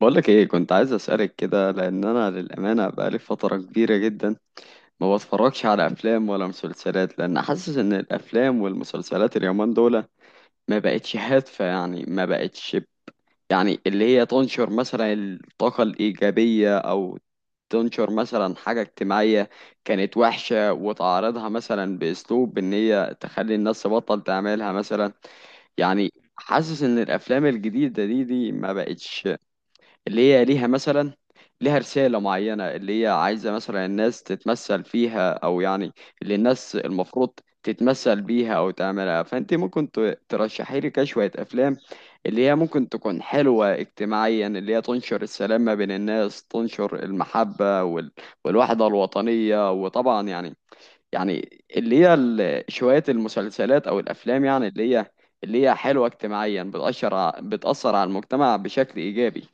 بقولك ايه؟ كنت عايز اسألك كده لان انا للأمانة بقالي فترة كبيرة جدا ما بتفرجش على افلام ولا مسلسلات, لان حاسس ان الافلام والمسلسلات اليومين دول ما بقتش هادفة. يعني ما بقتش يعني اللي هي تنشر مثلا الطاقة الإيجابية او تنشر مثلا حاجة اجتماعية كانت وحشة, وتعرضها مثلا بأسلوب ان هي تخلي الناس تبطل تعملها مثلا. يعني حاسس ان الافلام الجديدة دي ما بقتش اللي هي ليها مثلا, ليها رسالة معينة اللي هي عايزة مثلا الناس تتمثل فيها, أو يعني اللي الناس المفروض تتمثل بيها أو تعملها. فأنت ممكن ترشحي لي كده شوية أفلام اللي هي ممكن تكون حلوة اجتماعيا, اللي هي تنشر السلام ما بين الناس, تنشر المحبة والوحدة الوطنية, وطبعا يعني, يعني اللي هي شوية المسلسلات أو الأفلام, يعني اللي هي حلوة اجتماعيا, بتأثر بتأثر على المجتمع بشكل إيجابي.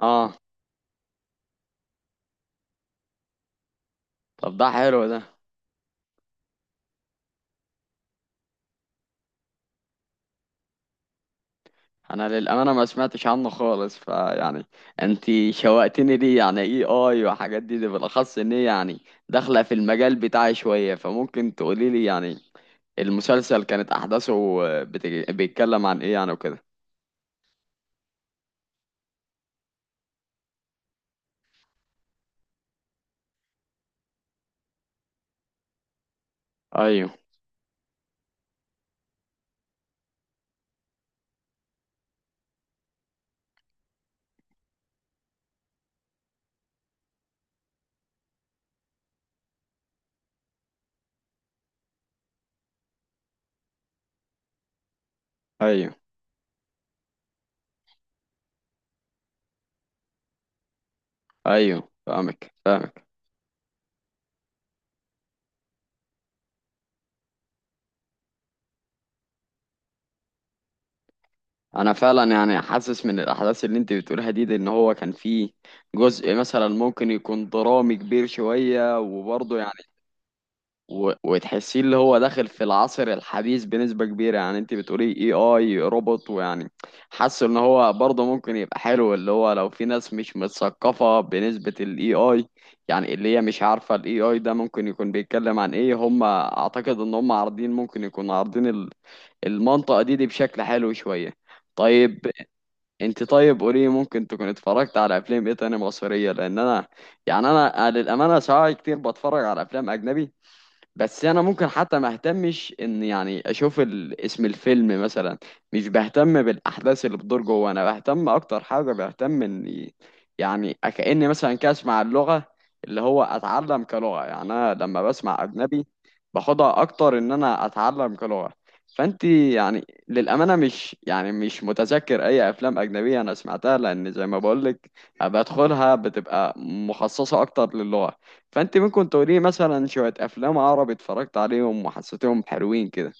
اه, طب ده حلو ده. انا للامانه ما سمعتش عنه خالص, فيعني انت شوقتني ليه, يعني اي اي وحاجات دي بالاخص ان هي يعني داخله في المجال بتاعي شويه. فممكن تقولي لي يعني المسلسل كانت احداثه بيتكلم عن ايه يعني وكده. ايوه, ايوه, ايوه, فاهمك. انا فعلا يعني حاسس من الاحداث اللي انت بتقولها دي ان هو كان فيه جزء مثلا ممكن يكون درامي كبير شويه وبرضه يعني وتحسيه اللي هو داخل في العصر الحديث بنسبة كبيرة. يعني انت بتقولي اي اي روبوت ويعني حاسه ان هو برضه ممكن يبقى حلو, اللي هو لو في ناس مش متثقفة بنسبة الاي اي, يعني اللي هي مش عارفة الاي اي ده ممكن يكون بيتكلم عن ايه. هم اعتقد ان هم عارضين ممكن يكون عارضين المنطقة دي بشكل حلو شوية. طيب, انت طيب قولي ممكن تكون اتفرجت على افلام ايه تاني مصرية؟ لان انا يعني انا للأمانة ساعات كتير بتفرج على افلام اجنبي, بس انا ممكن حتى ما اهتمش ان يعني اشوف اسم الفيلم مثلا. مش بهتم بالاحداث اللي بتدور جوه, انا بهتم اكتر, حاجه بهتم اني يعني كاني مثلا كده اسمع اللغه اللي هو اتعلم كلغه. يعني انا لما بسمع اجنبي باخدها اكتر ان انا اتعلم كلغه. فانت يعني للامانه مش يعني مش متذكر اي افلام اجنبيه انا سمعتها, لان زي ما بقولك بدخلها بتبقى مخصصه اكتر للغه. فانت ممكن تقولي مثلا شويه افلام عربي اتفرجت عليهم وحسيتهم حلوين كده.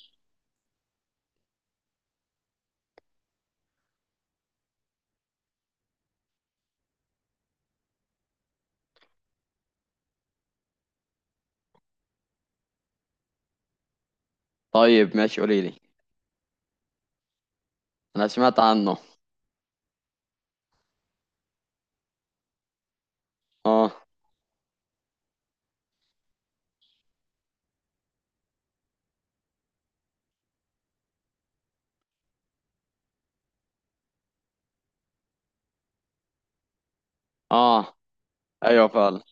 طيب ماشي, قولي لي. انا سمعت عنه. اه. اه. ايوه فعلا.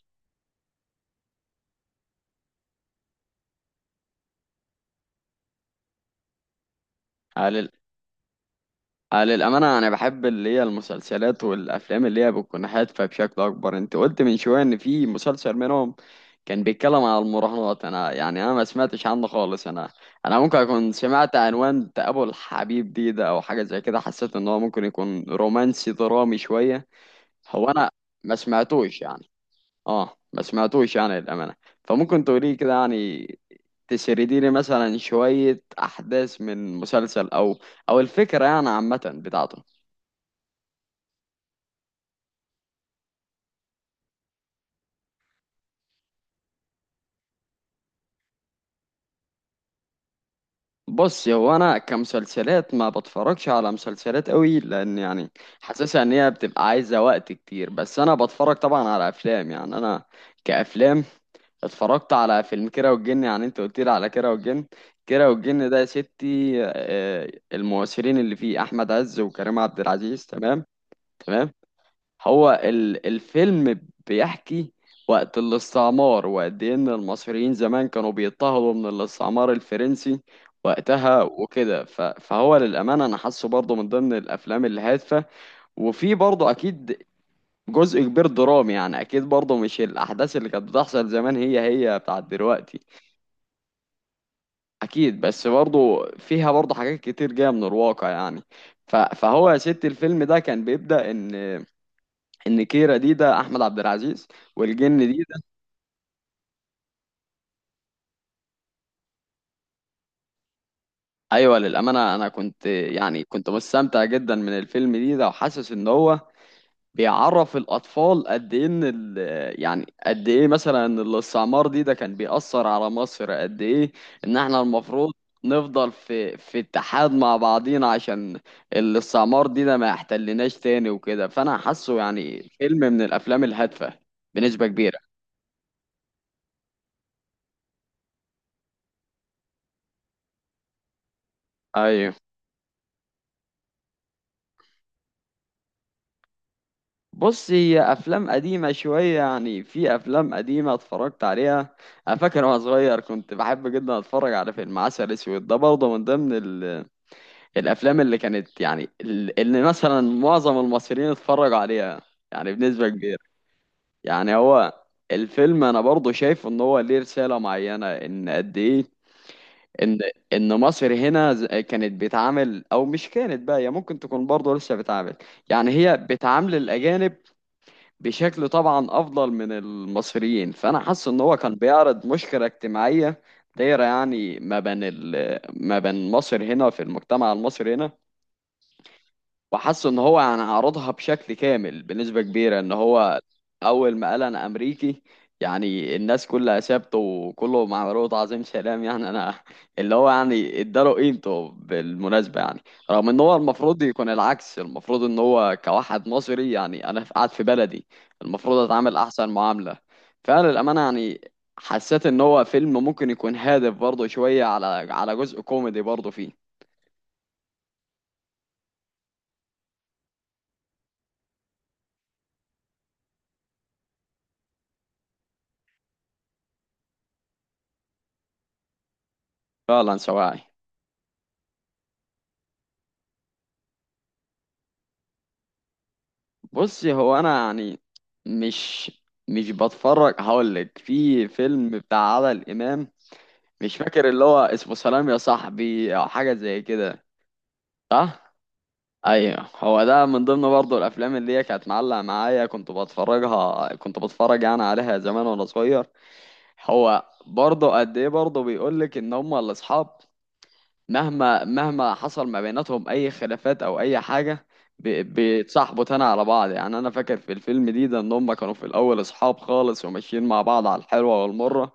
على على الامانه انا بحب اللي هي المسلسلات والافلام اللي هي بتكون هادفه بشكل اكبر. انت قلت من شويه ان في مسلسل منهم كان بيتكلم على المراهنات, انا يعني انا ما سمعتش عنه خالص. انا ممكن اكون سمعت عنوان ابو الحبيب ده او حاجه زي كده, حسيت ان هو ممكن يكون رومانسي درامي شويه. هو انا ما سمعتوش يعني. اه, ما سمعتوش يعني للأمانة. فممكن تقولي كده, يعني تسردي لي مثلا شوية أحداث من مسلسل أو أو الفكرة يعني عامة بتاعته. بص, هو أنا كمسلسلات ما بتفرجش على مسلسلات قوي لأن يعني حاسسها إن هي بتبقى عايزة وقت كتير. بس أنا بتفرج طبعا على أفلام, يعني أنا كأفلام اتفرجت على فيلم كيرة والجن, يعني أنت قلت لي على كيرة والجن. كيرة والجن ده يا ستي آه, الممثلين اللي فيه أحمد عز وكريم عبد العزيز, تمام. تمام. هو الفيلم بيحكي وقت الاستعمار, وقد ايه ان المصريين زمان كانوا بيضطهدوا من الاستعمار الفرنسي وقتها وكده. فهو للأمانة أنا حاسه برضه من ضمن الأفلام الهادفة, وفي برضه أكيد جزء كبير درامي, يعني أكيد برضه مش الأحداث اللي كانت بتحصل زمان هي بتاعت دلوقتي. أكيد, بس برضه فيها برضه حاجات كتير جاية من الواقع يعني. فهو يا ست الفيلم ده كان بيبدأ إن كيرا ده احمد عبد العزيز, والجن ده. ايوه, للامانه انا كنت يعني كنت مستمتع جدا من الفيلم ده وحاسس ان هو بيعرف الاطفال قد ايه ان يعني قد ايه مثلا إن الاستعمار ده كان بيأثر على مصر قد ايه. ان احنا المفروض نفضل في اتحاد مع بعضينا عشان الاستعمار ده ما يحتلناش تاني وكده. فانا حاسه يعني فيلم من الافلام الهادفه بنسبه كبيره. ايوه. بص, هي افلام قديمه شويه, يعني في افلام قديمه اتفرجت عليها. انا فاكر وانا صغير كنت بحب جدا اتفرج على فيلم عسل اسود ده, برضه من ضمن الافلام اللي كانت يعني اللي مثلا معظم المصريين اتفرجوا عليها يعني بنسبه كبيره. يعني هو الفيلم انا برضه شايف ان هو ليه رساله معينه, ان قد ايه ان ان مصر هنا كانت بتعامل, او مش كانت بقى, هي ممكن تكون برضه لسه بتعامل, يعني هي بتعامل الاجانب بشكل طبعا افضل من المصريين. فانا حاسس ان هو كان بيعرض مشكله اجتماعيه دايره يعني ما بين ما بين مصر هنا في المجتمع المصري هنا. وحس ان هو يعني عرضها بشكل كامل بنسبة كبيرة, ان هو اول ما قال انا امريكي يعني الناس كلها سابته, وكله مع رؤوت عظيم سلام. يعني انا اللي هو يعني اداله قيمته بالمناسبة, يعني رغم ان هو المفروض يكون العكس. المفروض ان هو كواحد مصري, يعني انا قاعد في بلدي المفروض اتعامل احسن معاملة. فعلا الامانة يعني, حسيت ان هو فيلم ممكن يكون هادف برضه شوية, على على جزء كوميدي برضه فيه. فعلا سواعي. بصي, هو انا يعني مش مش بتفرج. هقول لك في فيلم بتاع عادل امام, مش فاكر اللي هو اسمه سلام يا صاحبي او حاجه زي كده. صح. ايوه, هو ده من ضمن برضه الافلام اللي هي كانت معلقه معايا, كنت بتفرجها كنت بتفرج يعني عليها زمان وانا صغير. هو برضه قد ايه برضه بيقول لك ان هم الاصحاب مهما مهما حصل ما بيناتهم اي خلافات او اي حاجه, بيتصاحبوا تاني على بعض. يعني انا فاكر في الفيلم ده ان هم كانوا في الاول اصحاب خالص وماشيين مع بعض على الحلوه والمره,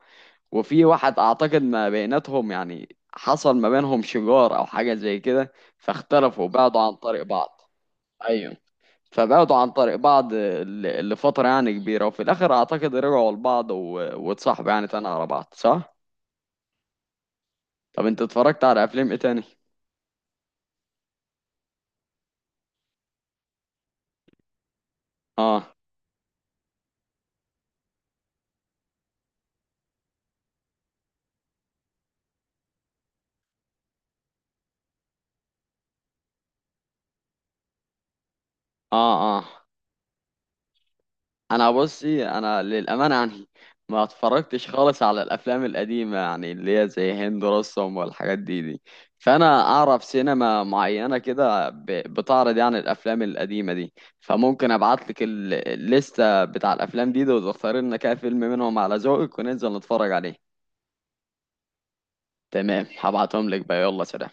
وفي واحد اعتقد ما بيناتهم يعني حصل ما بينهم شجار او حاجه زي كده, فاختلفوا, بعدوا عن طريق بعض. ايوه. فبعدوا عن طريق بعض لفتره يعني كبيره, وفي الاخر اعتقد رجعوا لبعض واتصاحبوا يعني تاني على بعض, صح. طب انت اتفرجت على افلام ايه تاني؟ اه. اه. اه. انا بصي انا للامانه يعني ما اتفرجتش خالص على الافلام القديمه, يعني اللي هي زي هند رستم والحاجات دي. فانا اعرف سينما معينه كده بتعرض يعني الافلام القديمه دي. فممكن ابعت لك الليسته بتاع الافلام دي وتختاري لنا كده فيلم منهم على ذوقك, وننزل نتفرج عليه. تمام, هبعتهم لك بقى. يلا, سلام.